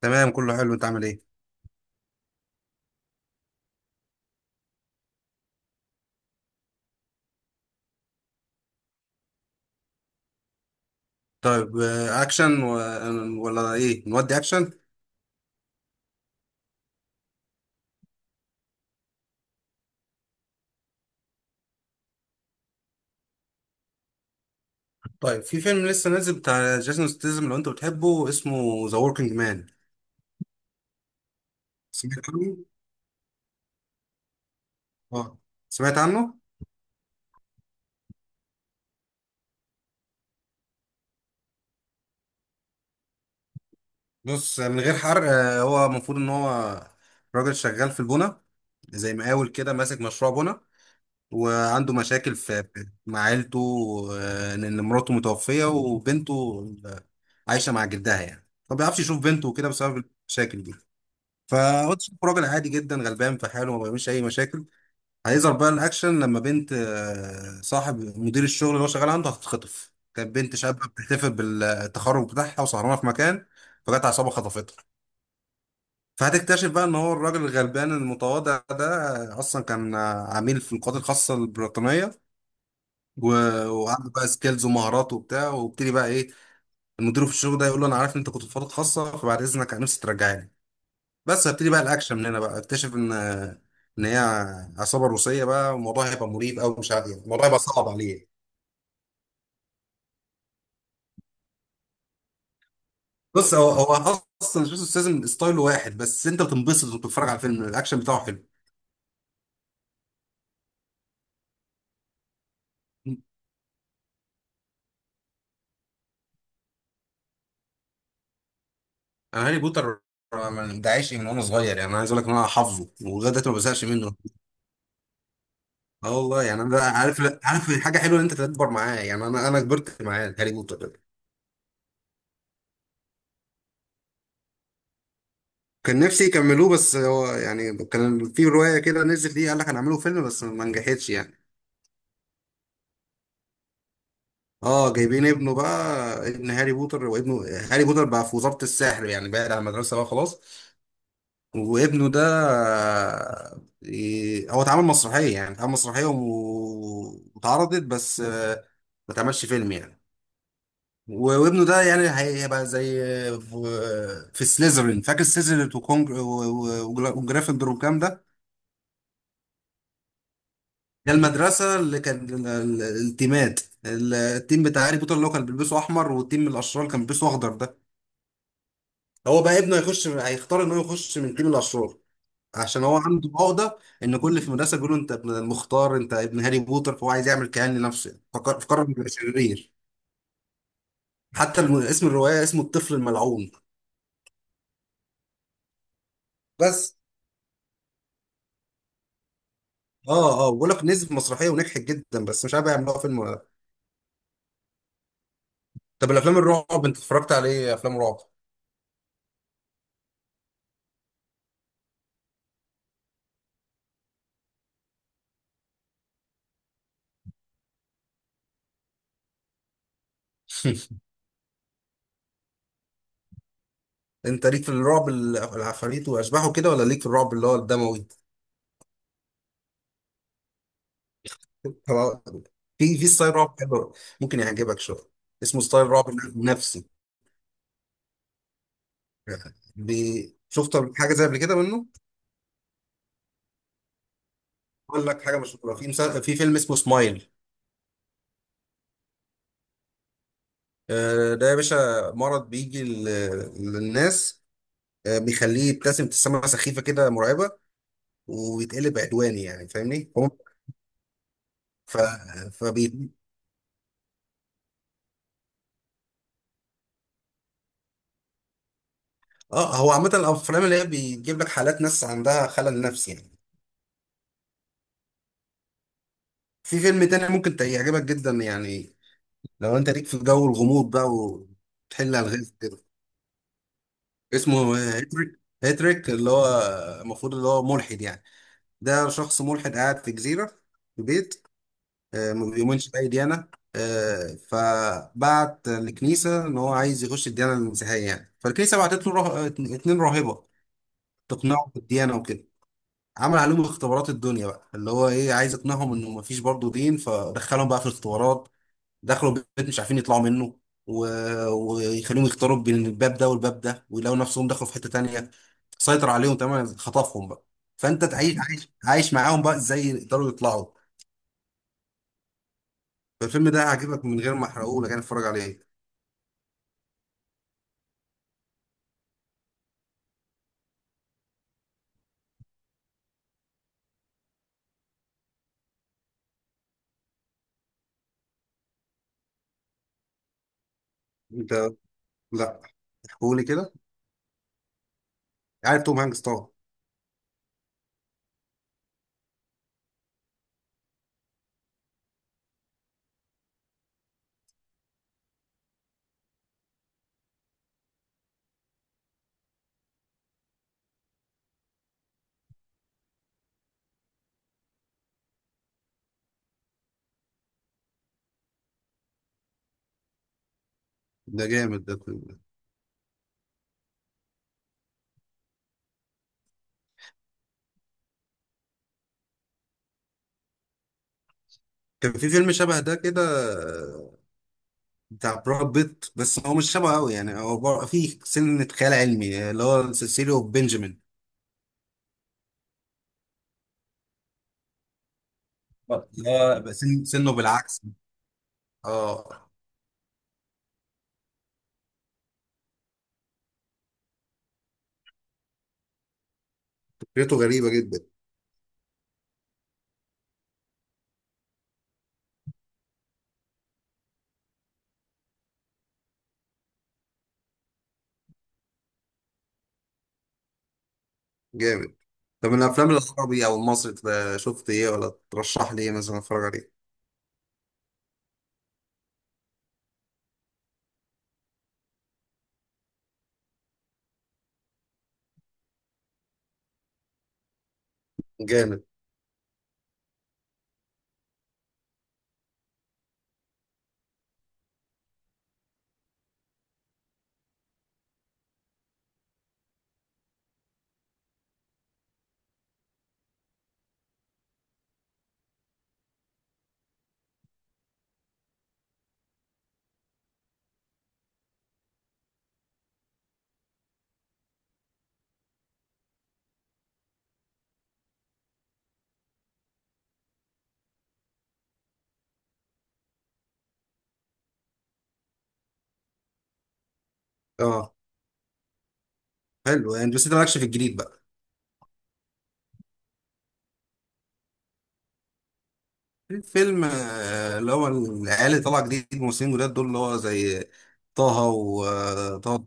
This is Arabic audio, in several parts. تمام كله حلو. انت عامل ايه؟ طيب اكشن ولا ايه نودي اكشن؟ طيب في فيلم لسه نازل بتاع جيسون ستيزم، لو انت بتحبه اسمه ذا وركينج مان. سمعت عنه؟ اه سمعت عنه. بص من غير حرق هو المفروض ان هو راجل شغال في البنا، زي مقاول كده ماسك مشروع بنا، وعنده مشاكل في مع عيلته. ان مراته متوفية وبنته آه، عايشة مع جدها، يعني ما بيعرفش يشوف بنته كده بسبب المشاكل دي. فقلت شوف راجل عادي جدا غلبان في حاله، ما بيعملش اي مشاكل. هيظهر بقى الاكشن لما بنت صاحب مدير الشغل اللي هو شغال عنده هتتخطف. كانت بنت شابه بتحتفل بالتخرج بتاعها وسهرانه في مكان، فجت عصابه خطفتها. فهتكتشف بقى ان هو الراجل الغلبان المتواضع ده اصلا كان عميل في القوات الخاصه البريطانيه، و- وعنده بقى سكيلز ومهارات وبتاع. وابتدي بقى ايه، المدير في الشغل ده يقول له انا عارف ان انت كنت في قوات خاصه، فبعد اذنك انا نفسي ترجعني. بس هبتدي بقى الاكشن من هنا، بقى اكتشف ان ان هي عصابه روسيه بقى، والموضوع هيبقى مريب او مش عارف يعني، الموضوع هيبقى صعب عليه. بص هو اصلا جيسون ستاثام ستايله واحد، بس انت بتنبسط وانت بتتفرج على الفيلم، الاكشن بتاعه حلو. انا هاري بوتر ده عايش من وانا صغير، يعني انا عايز اقول لك ان انا حافظه ولغايه دلوقتي ما بزهقش منه. اه والله، يعني انا بقى عارف، حاجه حلوه ان انت تكبر معاه، يعني انا كبرت معاه هاري بوتر ده. كان نفسي يكملوه، بس هو يعني كان في روايه كده نزلت ليه، قال لك هنعمله فيلم بس ما نجحتش يعني. اه جايبين ابنه بقى، ابن هاري بوتر، وابنه هاري بوتر بقى في وزارة السحر، يعني بعد عن المدرسة بقى خلاص. وابنه ده آه، إيه، هو اتعمل مسرحية، يعني اتعمل مسرحية و- واتعرضت، بس ما اتعملش فيلم يعني. و- وابنه ده يعني هيبقى زي في سليزرين، فاكر سليزرين وكونج و- و- وجرا- وجريفندور والكلام ده. ده المدرسة اللي كان التيمات، التيم بتاع هاري بوتر اللي هو كان بيلبسه احمر، والتيم الاشرار كان بيلبسه اخضر ده. هو بقى ابنه هيخش، هيختار ان هو يخش من تيم الاشرار، عشان هو عنده عقده ان كل اللي في المدرسه بيقولوا انت ابن المختار، انت ابن هاري بوتر، فهو عايز يعمل كيان لنفسه يعني. فقرر انه يبقى شرير. حتى اسم الروايه اسمه الطفل الملعون. بس اه، بقول لك نزل في مسرحيه ونجحت جدا، بس مش عارف يعملوها فيلم ولا لا. طب الافلام الرعب انت اتفرجت على ايه افلام رعب؟ انت ليك في الرعب العفاريت واشباح وكده، ولا ليك في الرعب اللي هو الدموي؟ طب في ستايل رعب حلو ممكن يعجبك شويه، اسمه ستايل رعب نفسي. شفت حاجه زي قبل كده منه؟ اقول لك حاجه مش، في فيلم اسمه سمايل. ده يا باشا مرض بيجي للناس، بيخليه يبتسم ابتسامه سخيفه كده مرعبه، ويتقلب عدواني، يعني فاهمني. هو ف فبي اه هو عامه الافلام اللي هي بيجيب لك حالات ناس عندها خلل نفسي يعني. في فيلم تاني ممكن يعجبك جدا يعني، لو انت ليك في جو الغموض بقى وتحل الغاز كده. اسمه هيتريك، هيتريك اللي هو المفروض اللي هو ملحد يعني، ده شخص ملحد قاعد في جزيرة في بيت، ما بيؤمنش بأي ديانة. فبعت الكنيسة إن هو عايز يخش الديانة المسيحية يعني، فالكنيسة بعتت له اتنين راهبة تقنعه بالديانة وكده. عمل عليهم اختبارات الدنيا بقى، اللي هو إيه عايز يقنعهم إنه مفيش برضه دين، فدخلهم بقى في الاختبارات. دخلوا بيت مش عارفين يطلعوا منه، و... ويخليهم يختاروا بين الباب ده والباب ده، ويلاقوا نفسهم دخلوا في حتة تانية. سيطر عليهم تماما، خطفهم بقى. فانت تعيش، عايش معاهم بقى ازاي يقدروا يطلعوا. فالفيلم ده هيعجبك، من غير ما احرقه لك انا، اتفرج عليه. انت، لا، قولي كده. عارف توم هانكس طبعا. ده جامد ده الفيلم ده. كان في فيلم شبه ده كده بتاع براد بيت، بس هو مش شبه قوي يعني، هو فيه سنة خيال علمي، اللي هو سيسيليو بنجامين. اللي هو سنه بالعكس. اه فكرته غريبة جدا. جامد. طب من الافلام العربي او المصري تبقى شفت ايه، ولا ترشح لي ايه مثلا اتفرج عليه؟ جامد. اه حلو يعني، بس انت مالكش في الجديد بقى؟ في فيلم اللي هو العيال اللي طالعه جديد، الممثلين جداد دول اللي هو زي طه و طه.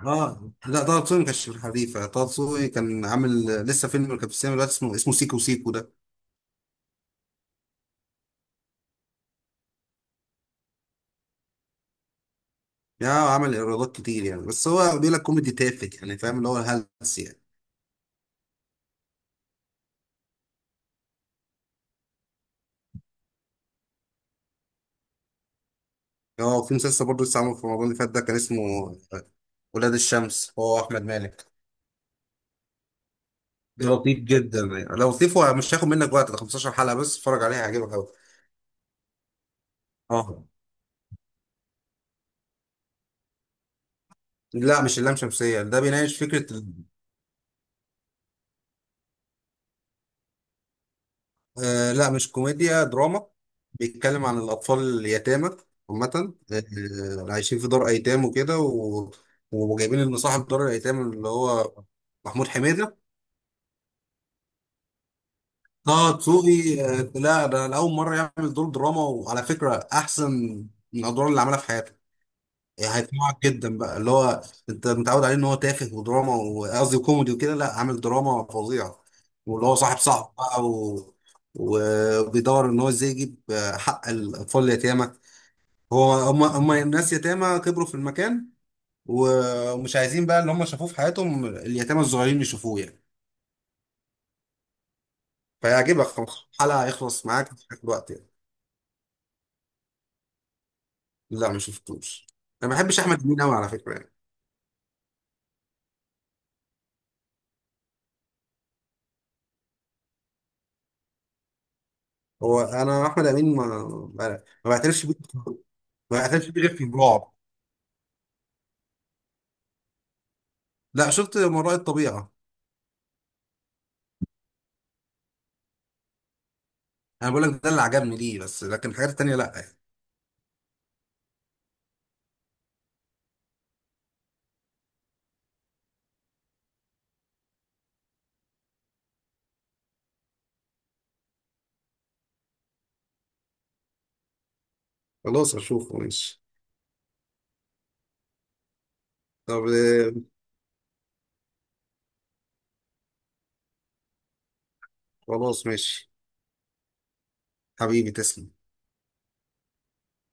اه لا، طه دسوقي ما كانش في الحريفه. طه دسوقي كان عامل لسه فيلم كان في السينما دلوقتي اسمه، اسمه سيكو سيكو ده. يعني هو عمل ايرادات كتير يعني، بس هو بيقول لك كوميدي تافه يعني، فاهم اللي هو هلس يعني. اه في مسلسل برضه لسه عامل في رمضان اللي فات ده، كان اسمه ولاد الشمس، هو احمد مالك. ده لطيف جدا يعني، لو لطيف ومش هياخد منك وقت ده 15 حلقه بس، اتفرج عليها هيعجبك قوي. اه لا مش اللام شمسيه، ده بيناقش فكره آه لا مش كوميديا، دراما. بيتكلم عن الاطفال اليتامى عامه، اللي عايشين في دار ايتام وكده، وجايبين ان صاحب دار الايتام اللي هو محمود حميده. طه دسوقي لا ده لأول مرة يعمل دور دراما، وعلى فكرة أحسن من الأدوار اللي عملها في حياته. يعني هيقنعك جدا بقى، اللي هو أنت متعود عليه إن هو تافه ودراما، وقصدي كوميدي وكده، لا عامل دراما فظيعة. واللي هو صاحب، بقى وبيدور إن هو إزاي يجيب حق الأطفال اليتامى. هو هم هم ناس يتامى كبروا في المكان، و- ومش عايزين بقى اللي هم شافوه في حياتهم اليتامى الصغيرين يشوفوه يعني. فيعجبك، خلاص حلقة هيخلص معاك في الوقت يعني. لا ما شفتوش. انا ما بحبش احمد امين قوي على فكره يعني. هو انا احمد امين ما ما ما بعترفش بيه، ما بعترفش بيه غير في الرعب. لا شفت مرائي الطبيعه. انا بقول لك ده اللي عجبني ليه، بس لكن الحاجات التانيه لا يعني. خلاص اشوفه ماشي. طب خلاص ماشي حبيبي تسلم.